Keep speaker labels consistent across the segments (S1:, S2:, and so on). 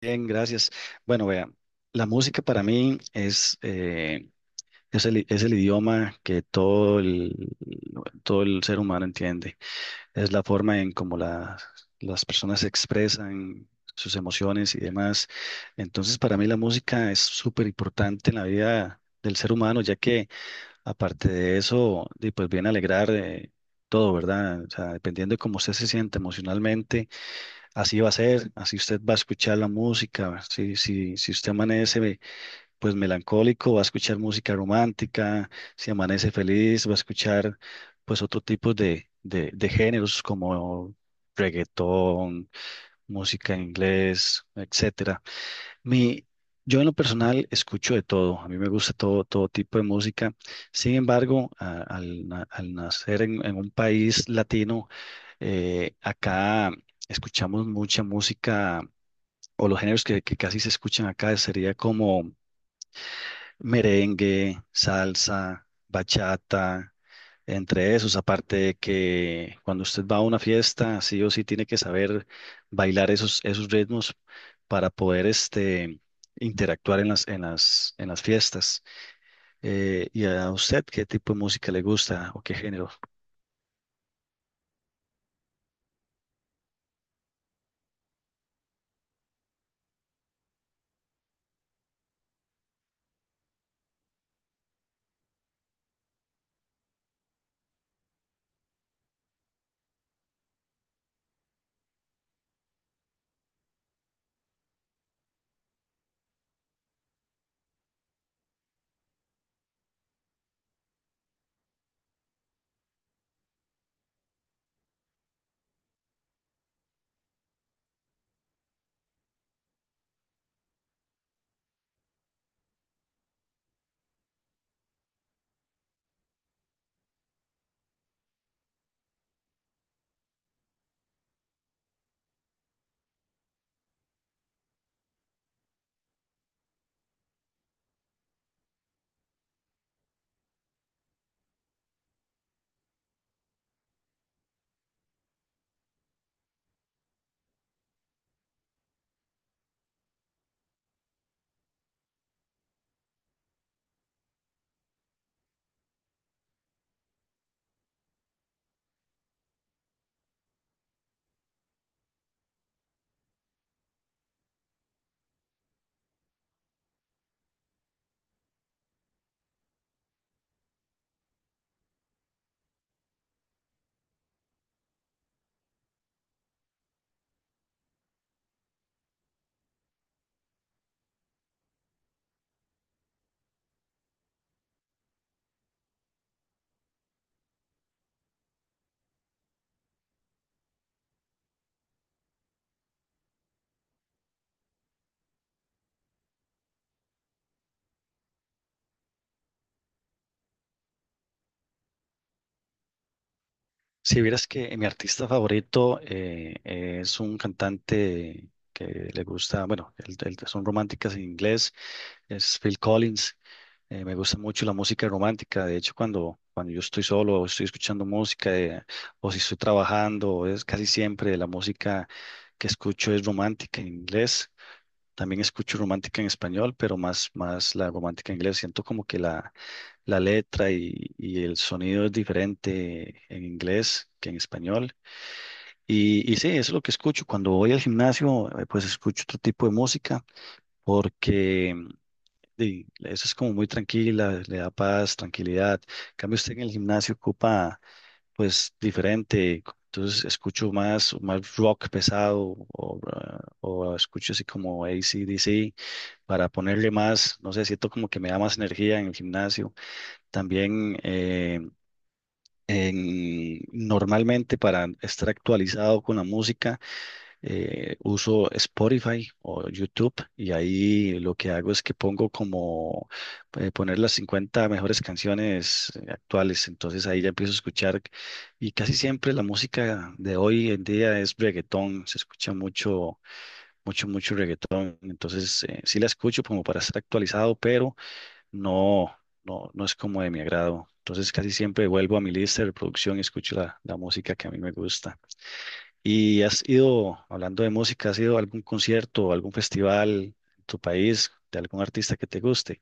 S1: Bien, gracias. Bueno, vea, la música para mí es es el idioma que todo el ser humano entiende. Es la forma en cómo las personas expresan sus emociones y demás. Entonces, para mí la música es súper importante en la vida del ser humano, ya que aparte de eso, di, pues viene a alegrar todo, ¿verdad? O sea, dependiendo de cómo usted se siente emocionalmente, así va a ser, así usted va a escuchar la música. Si usted amanece pues melancólico, va a escuchar música romántica. Si amanece feliz, va a escuchar pues otro tipo de géneros como reggaetón, música en inglés, etcétera. Mi, yo en lo personal escucho de todo, a mí me gusta todo tipo de música. Sin embargo, al nacer en un país latino, acá escuchamos mucha música o los géneros que casi se escuchan acá sería como merengue, salsa, bachata. Entre esos, aparte de que cuando usted va a una fiesta, sí o sí tiene que saber bailar esos ritmos para poder este, interactuar en en las fiestas. ¿Y a usted qué tipo de música le gusta o qué género? Si vieras que mi artista favorito es un cantante que le gusta, bueno, son románticas en inglés, es Phil Collins. Me gusta mucho la música romántica. De hecho, cuando yo estoy solo o estoy escuchando música o si estoy trabajando, es casi siempre la música que escucho es romántica en inglés. También escucho romántica en español, pero más la romántica en inglés. Siento como que la letra y el sonido es diferente en inglés que en español. Y sí, eso es lo que escucho. Cuando voy al gimnasio, pues escucho otro tipo de música porque sí, eso es como muy tranquila, le da paz, tranquilidad. En cambio, usted en el gimnasio ocupa, pues, diferente. Entonces, escucho más rock pesado o, ah, o escucho así como AC/DC, para ponerle más, no sé, siento como que me da más energía en el gimnasio. También, normalmente para estar actualizado con la música, uso Spotify o YouTube y ahí lo que hago es que pongo como poner las 50 mejores canciones actuales, entonces ahí ya empiezo a escuchar y casi siempre la música de hoy en día es reggaetón, se escucha mucho reggaetón. Entonces sí la escucho como para estar actualizado, pero no, no, es como de mi agrado. Entonces casi siempre vuelvo a mi lista de reproducción y escucho la música que a mí me gusta. ¿Y has ido, hablando de música, has ido a algún concierto o algún festival en tu país de algún artista que te guste?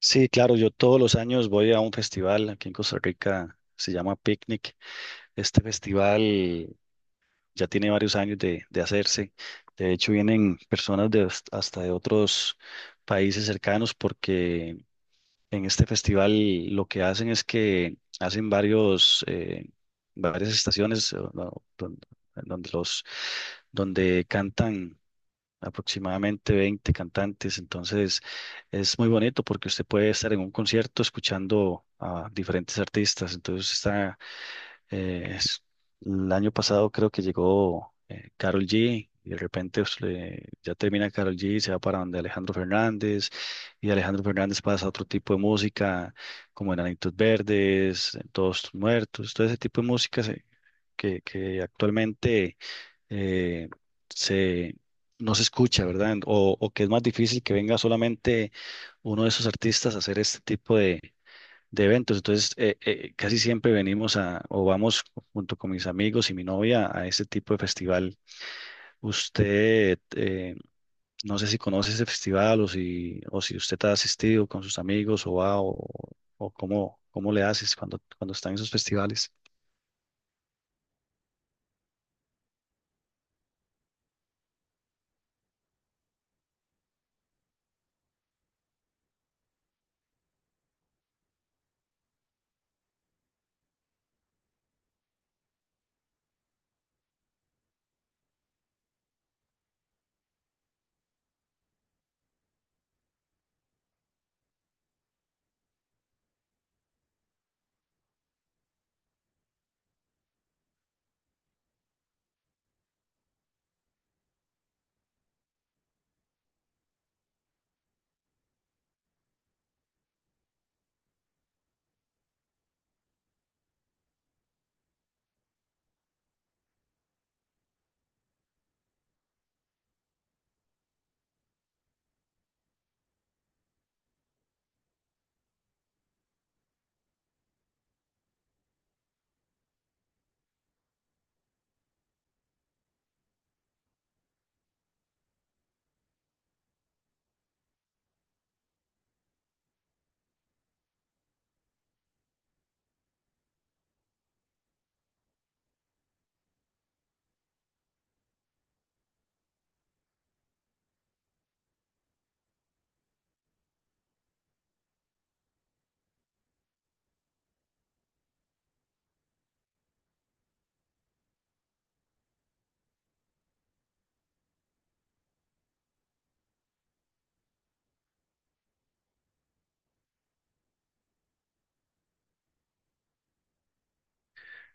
S1: Sí, claro, yo todos los años voy a un festival aquí en Costa Rica, se llama Picnic. Este festival ya tiene varios años de hacerse. De hecho, vienen personas de hasta de otros países cercanos porque en este festival lo que hacen es que hacen varias estaciones no, don- donde, los, donde cantan aproximadamente 20 cantantes. Entonces es muy bonito porque usted puede estar en un concierto escuchando a diferentes artistas. Entonces eh, es- el año pasado creo que llegó Karol G y de repente pues, ya termina Karol G y se va para donde Alejandro Fernández y Alejandro Fernández pasa a otro tipo de música como Enanitos Verdes, Todos Tus Muertos, todo ese tipo de música que actualmente eh, se, no se escucha, ¿verdad? O que es más difícil que venga solamente uno de esos artistas a hacer este tipo de eventos. Entonces, casi siempre venimos a, o vamos junto con mis amigos y mi novia a este tipo de festival. Usted, no sé si conoce ese festival o si usted ha asistido con sus amigos o va o cómo le haces cuando están en esos festivales.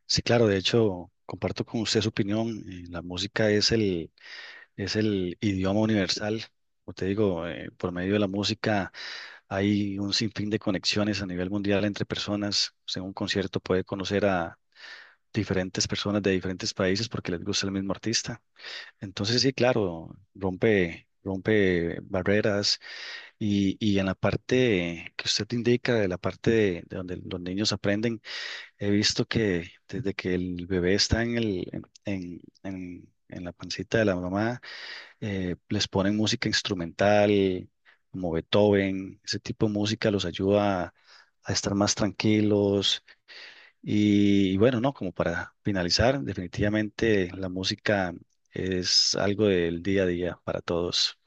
S1: Sí, claro, de hecho, comparto con usted su opinión. Eh, la música es el idioma universal. Como te digo, por medio de la música hay un sinfín de conexiones a nivel mundial entre personas. Usted en un concierto puede conocer a diferentes personas de diferentes países porque les gusta el mismo artista. Entonces, sí, claro, rompe barreras y en la parte que usted indica, de la parte de donde los niños aprenden, he visto que desde que el bebé está en el, en la pancita de la mamá, les ponen música instrumental como Beethoven, ese tipo de música los ayuda a estar más tranquilos. Y, bueno, no, como para finalizar, definitivamente la música es algo del día a día para todos.